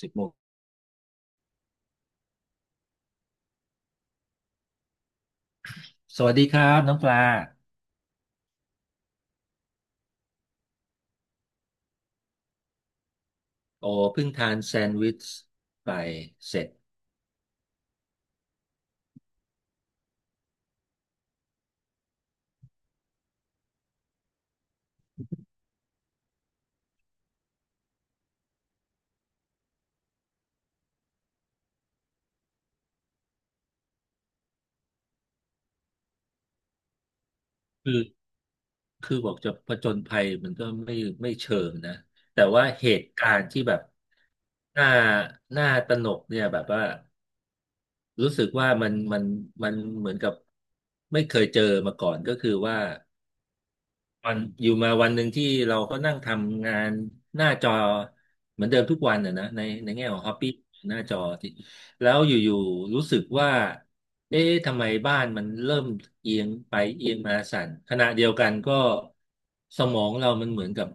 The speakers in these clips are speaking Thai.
10 โมงสวัสดีครับน้องปลาโอ้เพิ่งทานแซนด์วิชไปเสร็จ คือคือบอกจะผจญภัยมันก็ไม่เชิงนะ แต่ว่าเหตุการณ์ที่แบบน่าน่าตระหนกเนี่ยแบบว่ารู้สึกว่ามันเหมือนกับไม่เคยเจอมาก่อนก็คือว่า วันอยู่มาวันหนึ่งที่เราก็นั่งทำงานหน้าจอเหมือนเดิมทุกวันน่ะนะในแง่ของฮอปปี้หน้าจอที่แล้วอยู่ๆรู้สึกว่าเอ๊ะทำไมบ้านมันเริ่มเอียงไปเอียงมาสั่นขณะเดียวกันก็สมองเรามันเหมือนกับ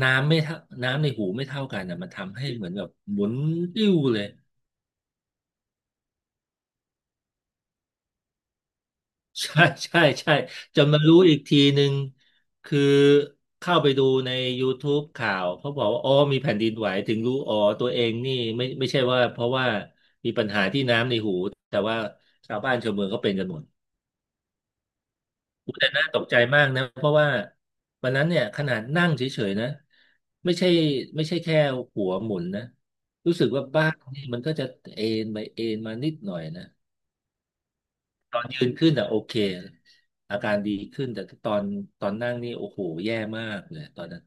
น้ำไม่เท่าน้ำในหูไม่เท่ากันนะมันทำให้เหมือนกับหมุนติ้วเลย ใช่ใช่ใช่จนมารู้อีกทีหนึ่งคือเข้าไปดูใน YouTube ข่าวเขาบอกว่าอ๋อมีแผ่นดินไหวถึงรู้อ๋อตัวเองนี่ไม่ใช่ว่าเพราะว่ามีปัญหาที่น้ำในหูแต่ว่าชาวบ้านชาวเมืองเขาเป็นกันหมดแต่น่าตกใจมากนะเพราะว่าวันนั้นเนี่ยขนาดนั่งเฉยๆนะไม่ใช่ไม่ใช่แค่หัวหมุนนะรู้สึกว่าบ้านนี่มันก็จะเอ็นไปเอ็นมานิดหน่อยนะ ตอนยืนขึ้นอ่ะโอเคอาการดีขึ้นแต่ตอนนั่งนี่โอ้โหแย่มากเลยตอนนั้น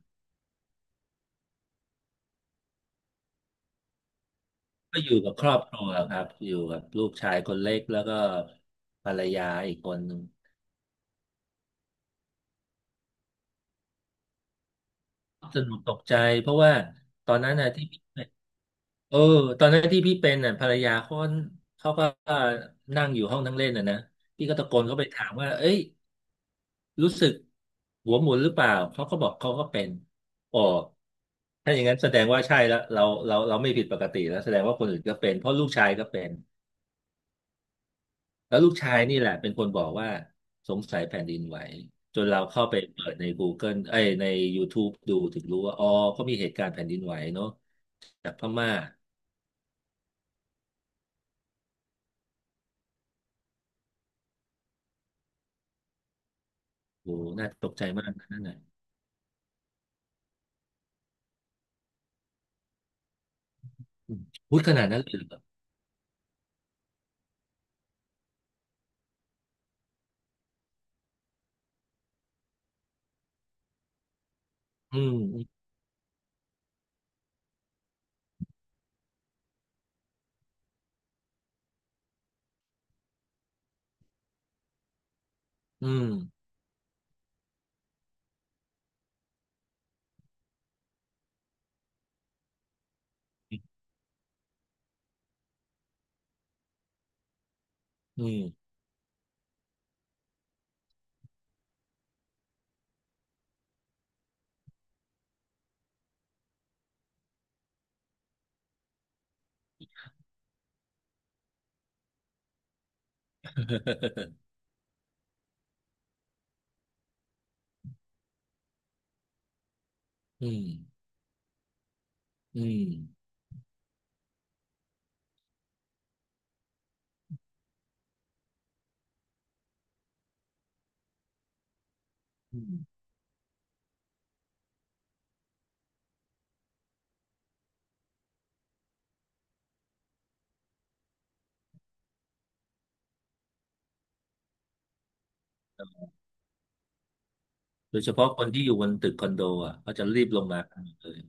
ก็อยู่กับครอบครัวครับอยู่กับลูกชายคนเล็กแล้วก็ภรรยาอีกคนหนึ่งสนุกตกใจเพราะว่าตอนนั้นน่ะที่พี่เป็นเออตอนนั้นที่พี่เป็นน่ะภรรยาเขาก็นั่งอยู่ห้องนั่งเล่นน่ะนะพี่ก็ตะโกนเข้าไปถามว่าเอ้ย รู้สึกหัวหมุนหรือเปล่าเขาก็บอกเขาก็เป็นอ๋อถ้าอย่างนั้นแสดงว่าใช่แล้วเราไม่ผิดปกติแล้วแสดงว่าคนอื่นก็เป็นเพราะลูกชายก็เป็นแล้วลูกชายนี่แหละเป็นคนบอกว่าสงสัยแผ่นดินไหวจนเราเข้าไปเปิดใน Google เอ้ยใน YouTube ดูถึงรู้ว่าอ๋อเขามีเหตุการณ์แผ่นดินไหวเนาะจากพม่าโอ้น่าตกใจมากนะนั่นน่ะอืมพูดขนาดนั้นเลยเหรออืมอืมอืมอืมอืมอืมอืม โดยเฉพาะคนที่อยู่บนตึกคอนโดอ่ะเขาจะรีบลงมากันหมดเลย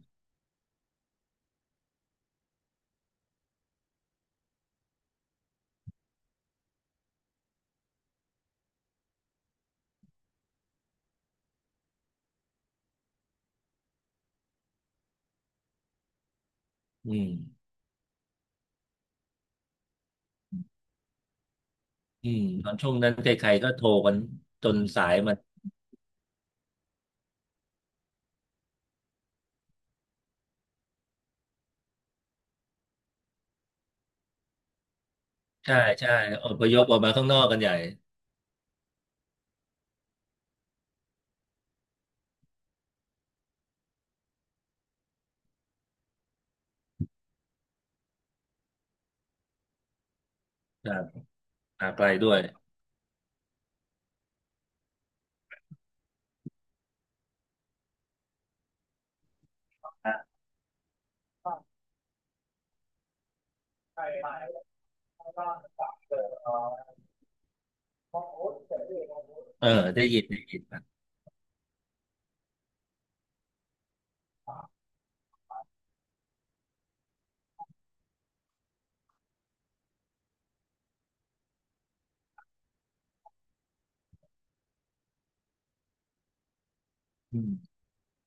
อืมอืมตอนช่วงนั้นใครๆก็โทรกันจนสายมันใช่ใช่อพยพออกมาข้างนอกกันใหญ่ครับมาไกลด้วยเออได้ยินได้ยินครับอืม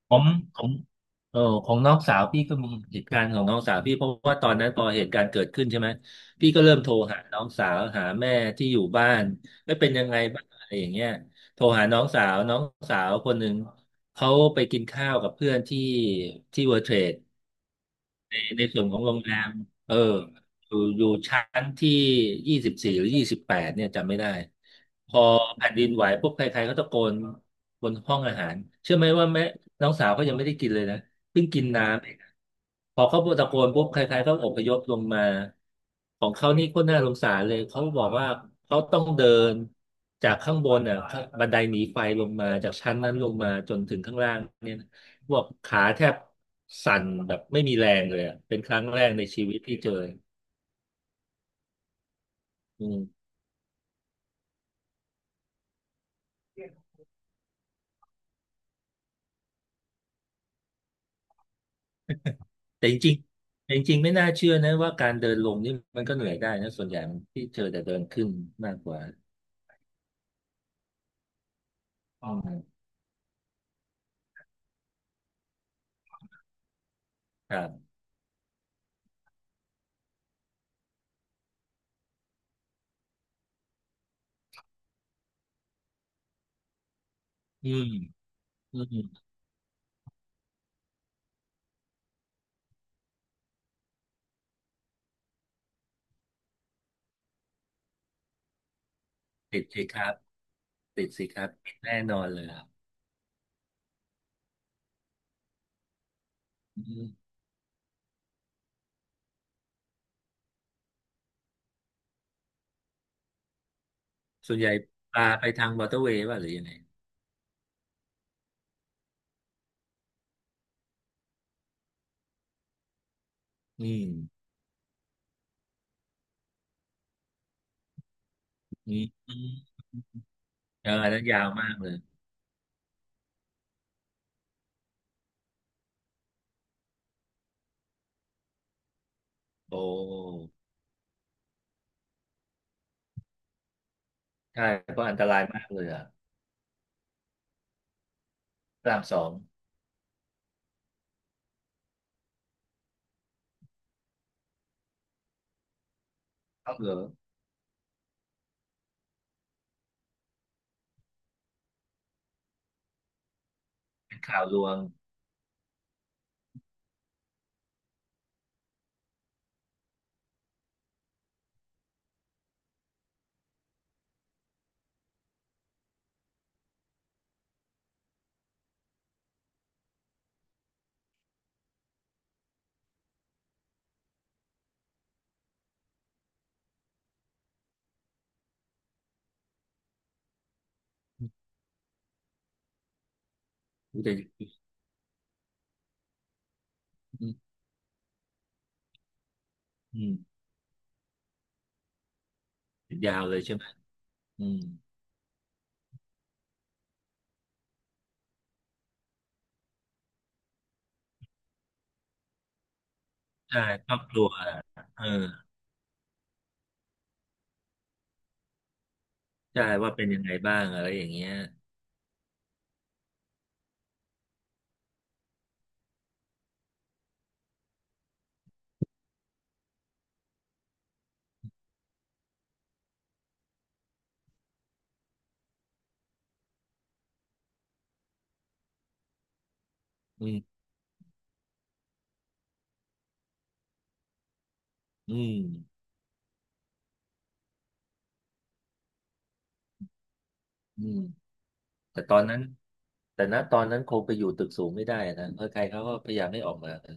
ผมของของน้องสาวพี่ก็มีเหตุการณ์ของน้องสาวพี่เพราะว่าตอนนั้นพอเหตุการณ์เกิดขึ้นใช่ไหมพี่ก็เริ่มโทรหาน้องสาวหาแม่ที่อยู่บ้านไม่เป็นยังไงบ้างอะไรอย่างเงี้ยโทรหาน้องสาวคนหนึ่งเขาไปกินข้าวกับเพื่อนที่เวิร์เทรด ในส่วนของโรงแรมเอออยู่ชั้นที่24หรือ28เนี่ยจำไม่ได้พอแผ่นดินไหวปุ๊บใครๆก็ตะโกนบนห้องอาหารเชื่อไหมว่าแม่น้องสาวเขายังไม่ได้กินเลยนะเพิ่งกินน้ำเองพอเขาตะโกนปุ๊บใครๆก็อพยพลงมาของเขานี่ก็น่าสงสารเลยเขาบอกว่าเขาต้องเดินจากข้างบนอ่ะบันไดหนีไฟลงมาจากชั้นนั้นลงมาจนถึงข้างล่างเนี่ย พวกขาแทบสั่นแบบไม่มีแรงเลยอะเป็นครั้งแรกในชีวิตที่เจออืมแต่จริงๆแต่จริงๆไม่น่าเชื่อนะว่าการเดินลงนี่มันก็เหนื่อยได้นะส่วนใหญ่มันที่เจอแต่เดินขึ้นมากกว่าอ๋อครับอืมอืมติดสิครับติดสิครับติดแน่นอนเลยครับอืมส่วนใหญ่ปลาไปทางมอเตอร์เวย์ป่ะหรือยังไงอืมอืมอืมเอออันนั้นยาวมากเลยโอ้ใช่เพราะอันตรายมากเลยอ่ะพระรามสองคัเหอเป็นข่าวลวง อุ๊ยแต่อืมอืมยาวเลยใช่ไหมอืมใช่ครอบครัวเออใช่ว่าเป็นยังไงบ้างอะไรอย่างเงี้ยอืมอืมอืมแต่ตอนนั้นแต่ณตอนนั้นคงไปอยู่ตึกสูงไม่ได้นะเพราะใครเขาก็พยายามไม่ออกมากัน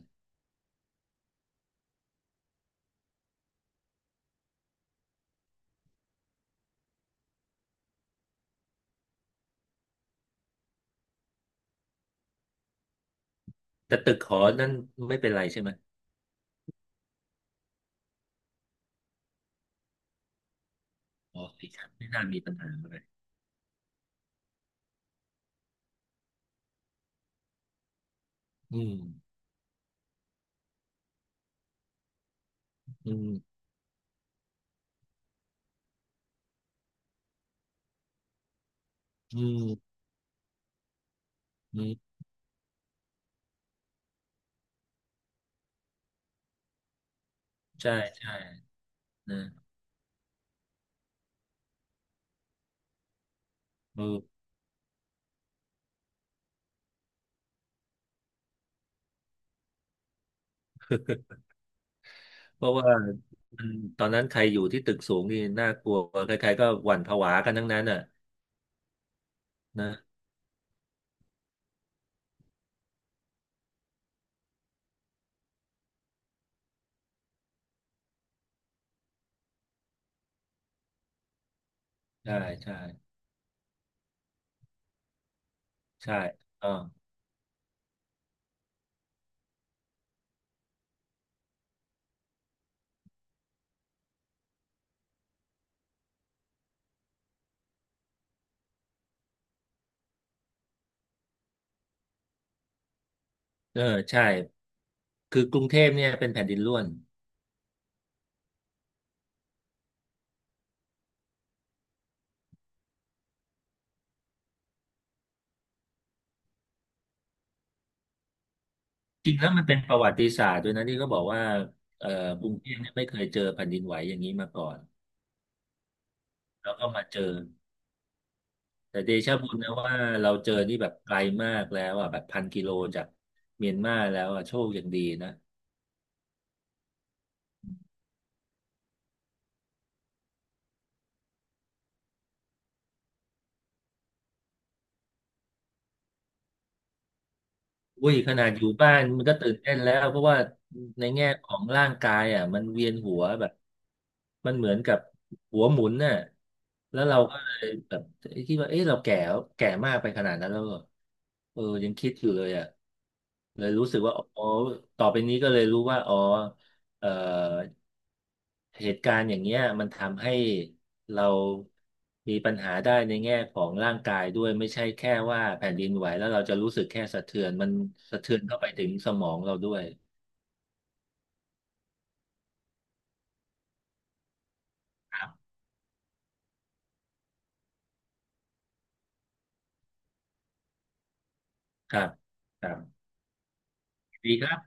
แต่ตึกหอนั้นไม่เป็นไรใช่ไหมอ๋ออีกครับไม่น่ามีปัญหาอะไรอืมอืมอืมอืมใช่ใช่นะเออเพราะว่ามันตอนนั้นใครอยู่ที่ตึกสูงนี่น่ากลัวใครๆก็หวั่นผวากันทั้งนั้นอ่ะนะ ใช่ใช่ใช่เออเออใช่ คือกรุงเทพเนี่ยเป็นแผ่นดินร่วน จริงแล้วมันเป็นประวัติศาสตร์ด้วยนะที่ก็บอกว่าเอ่อกรุงเทพเนี่ยไม่เคยเจอแผ่นดินไหวอย่างนี้มาก่อน แล้วก็มาเจอ แต่เดชะบุญนะว่าเราเจอนี่แบบไกลมากแล้วอ่ะแบบ1,000 กิโลจากเมียนมาแล้วอ่ะโชคอย่างดีนะ อุ้ยขนาดอยู่บ้านมันก็ตื่นเต้นแล้วเพราะว่าในแง่ของร่างกายอ่ะมันเวียนหัวแบบมันเหมือนกับหัวหมุนน่ะแล้วเราก็เลยแบบคิดว่าเอ๊ะเราแก่แล้วแก่มากไปขนาดนั้นแล้วเหรอเออยังคิดอยู่เลยอ่ะเลยรู้สึกว่าอ๋อต่อไปนี้ก็เลยรู้ว่าอ๋อเออ เหตุการณ์อย่างเงี้ยมันทำให้เรามีปัญหาได้ในแง่ของร่างกายด้วยไม่ใช่แค่ว่าแผ่นดินไหวแล้วเราจะรู้สึกแค่สะเทือนมันสะเทือนเข้าไปถึงสมองเราด้วยครับครับครับดีครับ